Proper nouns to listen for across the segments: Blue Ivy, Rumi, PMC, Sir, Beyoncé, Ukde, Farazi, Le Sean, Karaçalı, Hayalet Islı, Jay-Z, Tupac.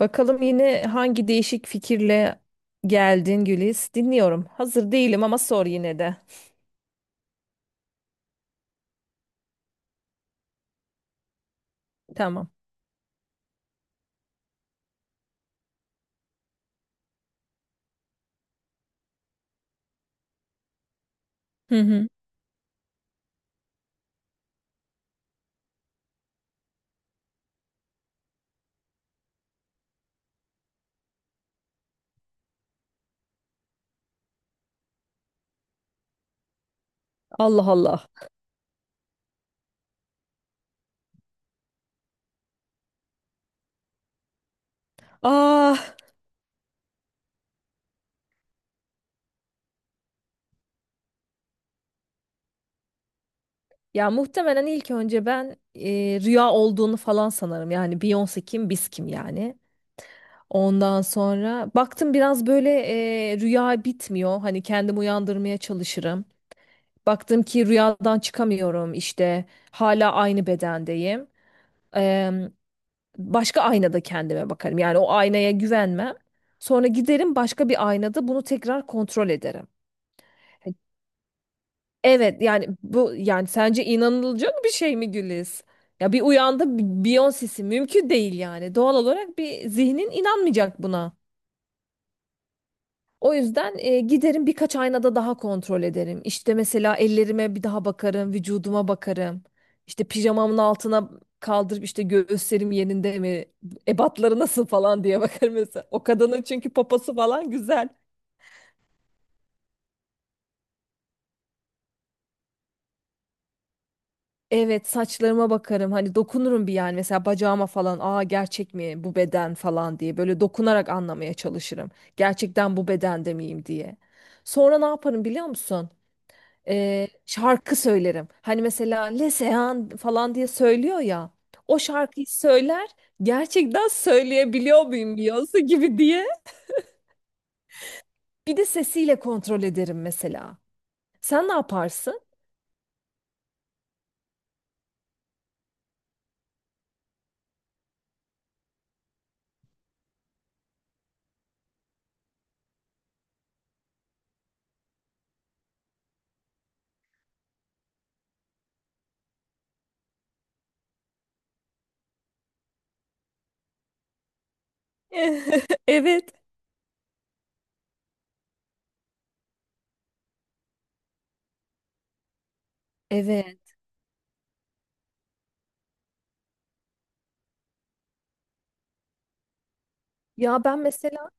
Bakalım yine hangi değişik fikirle geldin Güliz. Dinliyorum. Hazır değilim ama sor yine de. Tamam. Hı hı. Allah Allah. Ah ya, muhtemelen ilk önce ben rüya olduğunu falan sanırım. Yani Beyoncé kim, biz kim yani. Ondan sonra baktım biraz böyle rüya bitmiyor. Hani kendimi uyandırmaya çalışırım. Baktım ki rüyadan çıkamıyorum işte. Hala aynı bedendeyim. Başka aynada kendime bakarım. Yani o aynaya güvenmem. Sonra giderim, başka bir aynada bunu tekrar kontrol ederim. Evet, yani bu, yani sence inanılacak bir şey mi Güliz? Ya bir uyandı Beyoncé'si mümkün değil yani. Doğal olarak bir zihnin inanmayacak buna. O yüzden giderim birkaç aynada daha kontrol ederim. İşte mesela ellerime bir daha bakarım, vücuduma bakarım. İşte pijamamın altına kaldırıp işte göğüslerim yerinde mi, ebatları nasıl falan diye bakarım mesela. O kadının çünkü poposu falan güzel. Evet, saçlarıma bakarım. Hani dokunurum bir, yani mesela bacağıma falan. Aa, gerçek mi bu beden falan diye böyle dokunarak anlamaya çalışırım. Gerçekten bu bedende miyim diye. Sonra ne yaparım biliyor musun? Şarkı söylerim. Hani mesela Le Sean falan diye söylüyor ya. O şarkıyı söyler, gerçekten söyleyebiliyor muyum Beyoncé gibi diye. Bir de sesiyle kontrol ederim mesela. Sen ne yaparsın? Evet. Evet. Ya ben mesela.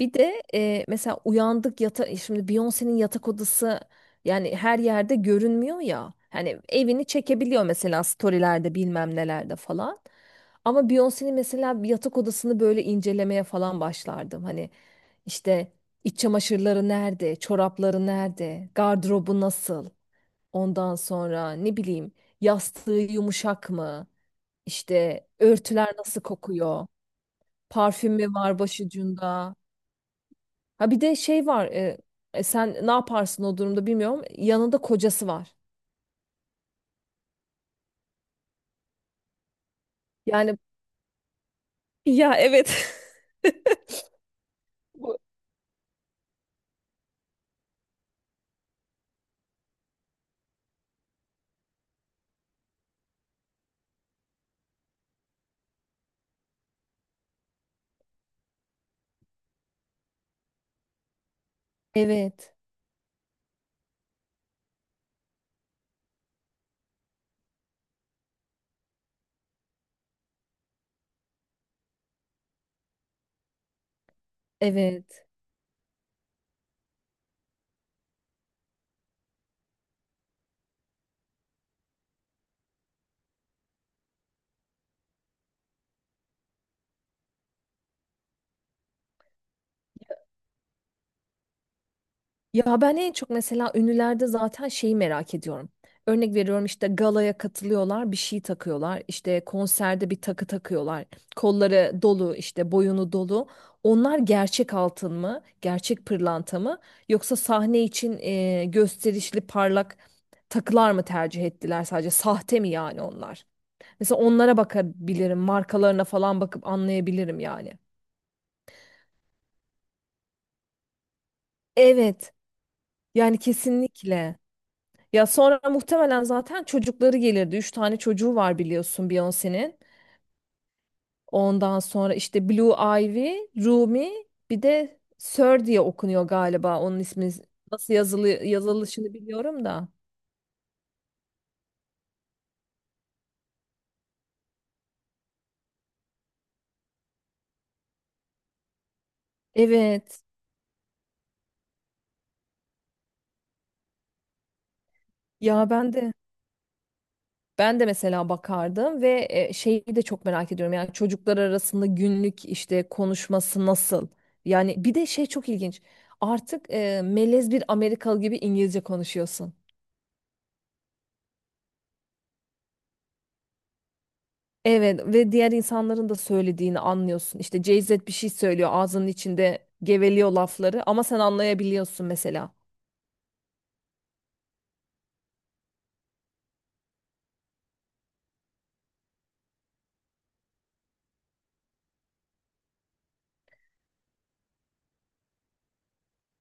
Bir de mesela uyandık şimdi, Beyoncé'nin yatak odası yani her yerde görünmüyor ya. Hani evini çekebiliyor mesela storylerde bilmem nelerde falan. Ama Beyoncé'nin mesela bir yatak odasını böyle incelemeye falan başlardım. Hani işte iç çamaşırları nerede, çorapları nerede, gardırobu nasıl? Ondan sonra ne bileyim, yastığı yumuşak mı? İşte örtüler nasıl kokuyor? Parfüm mü var başucunda? Ha, bir de şey var. Sen ne yaparsın o durumda bilmiyorum. Yanında kocası var. Yani, ya evet. Bu- Evet. Evet. Ya ben en çok mesela ünlülerde zaten şeyi merak ediyorum. Örnek veriyorum, işte galaya katılıyorlar, bir şey takıyorlar. İşte konserde bir takı takıyorlar. Kolları dolu, işte boyunu dolu. Onlar gerçek altın mı, gerçek pırlanta mı, yoksa sahne için gösterişli, parlak takılar mı tercih ettiler, sadece sahte mi yani onlar? Mesela onlara bakabilirim, markalarına falan bakıp anlayabilirim yani. Evet, yani kesinlikle. Ya sonra muhtemelen zaten çocukları gelirdi. Üç tane çocuğu var biliyorsun Beyoncé'nin. Ondan sonra işte Blue Ivy, Rumi, bir de Sir diye okunuyor galiba. Onun ismi nasıl yazılı, yazılışını biliyorum da. Evet. Ya ben de, ben de mesela bakardım ve şeyi de çok merak ediyorum. Yani çocuklar arasında günlük işte konuşması nasıl? Yani bir de şey çok ilginç. Artık melez bir Amerikalı gibi İngilizce konuşuyorsun. Evet ve diğer insanların da söylediğini anlıyorsun. İşte Jay-Z bir şey söylüyor, ağzının içinde geveliyor lafları, ama sen anlayabiliyorsun mesela.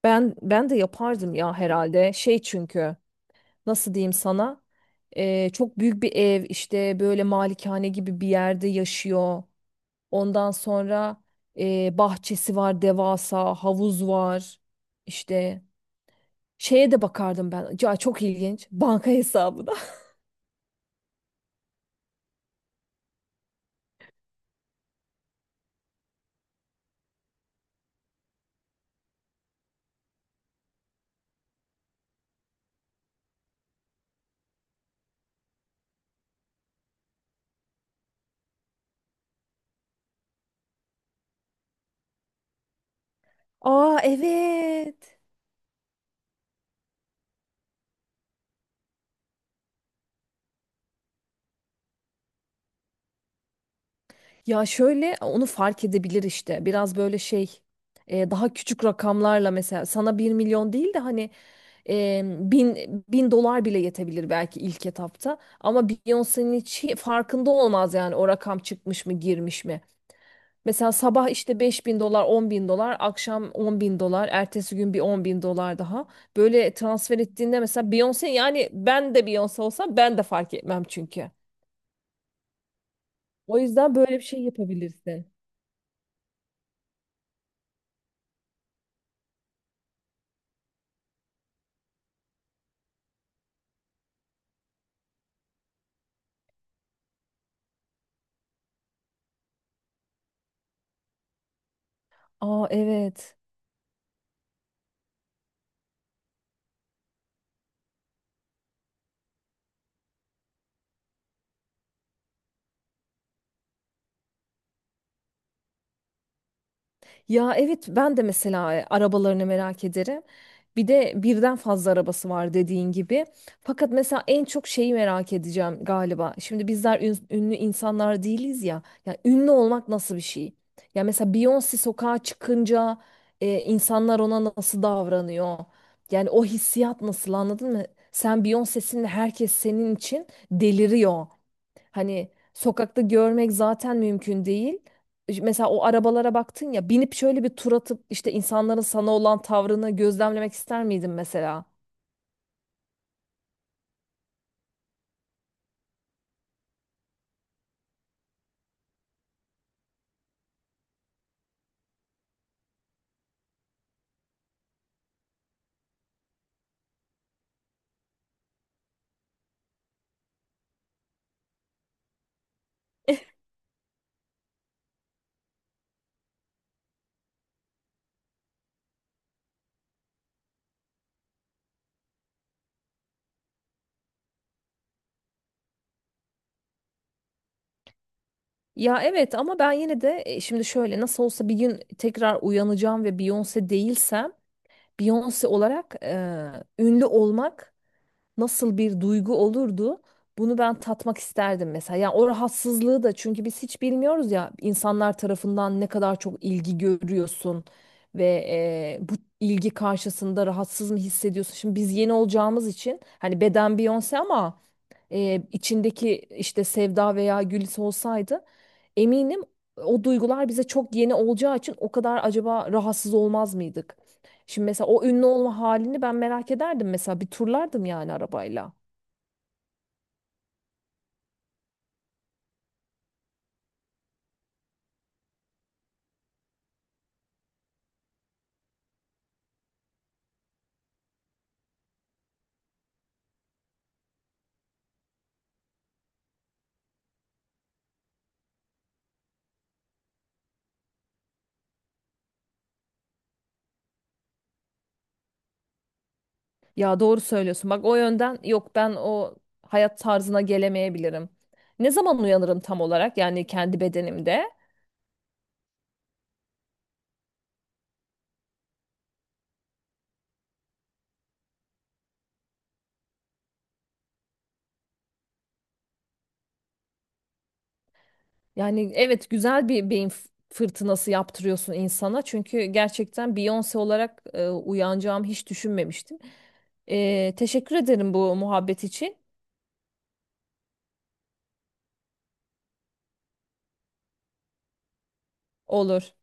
Ben, ben de yapardım ya herhalde. Şey, çünkü nasıl diyeyim sana? Çok büyük bir ev, işte böyle malikane gibi bir yerde yaşıyor. Ondan sonra bahçesi var, devasa havuz var. İşte şeye de bakardım ben. Ya çok ilginç, banka hesabına. Aa, evet. Ya şöyle onu fark edebilir işte. Biraz böyle şey, daha küçük rakamlarla mesela, sana bir milyon değil de hani e, bin, bin dolar bile yetebilir belki ilk etapta. Ama Beyoncé'nin hiç farkında olmaz yani o rakam çıkmış mı girmiş mi. Mesela sabah işte 5.000 dolar, 10.000 dolar, akşam 10.000 dolar, ertesi gün bir 10.000 dolar daha. Böyle transfer ettiğinde mesela Beyoncé, yani ben de Beyoncé olsam ben de fark etmem çünkü. O yüzden böyle bir şey yapabilirsin. Aa, evet. Ya evet, ben de mesela arabalarını merak ederim. Bir de birden fazla arabası var dediğin gibi. Fakat mesela en çok şeyi merak edeceğim galiba. Şimdi bizler ünlü insanlar değiliz ya. Ya ünlü olmak nasıl bir şey? Ya mesela Beyoncé sokağa çıkınca insanlar ona nasıl davranıyor? Yani o hissiyat nasıl, anladın mı? Sen Beyoncé'sin ve herkes senin için deliriyor. Hani sokakta görmek zaten mümkün değil. İşte mesela o arabalara baktın ya, binip şöyle bir tur atıp işte insanların sana olan tavrını gözlemlemek ister miydin mesela? Ya evet, ama ben yine de, şimdi şöyle, nasıl olsa bir gün tekrar uyanacağım ve Beyoncé değilsem, Beyoncé olarak ünlü olmak nasıl bir duygu olurdu? Bunu ben tatmak isterdim mesela. Yani o rahatsızlığı da, çünkü biz hiç bilmiyoruz ya, insanlar tarafından ne kadar çok ilgi görüyorsun ve bu ilgi karşısında rahatsız mı hissediyorsun? Şimdi biz yeni olacağımız için, hani beden Beyoncé, ama içindeki işte Sevda veya Gülis olsaydı, eminim o duygular bize çok yeni olacağı için, o kadar acaba rahatsız olmaz mıydık? Şimdi mesela o ünlü olma halini ben merak ederdim mesela, bir turlardım yani arabayla. Ya doğru söylüyorsun. Bak, o yönden yok, ben o hayat tarzına gelemeyebilirim. Ne zaman uyanırım tam olarak yani kendi bedenimde? Yani evet, güzel bir beyin fırtınası yaptırıyorsun insana. Çünkü gerçekten Beyoncé olarak uyanacağımı hiç düşünmemiştim. Teşekkür ederim bu muhabbet için. Olur.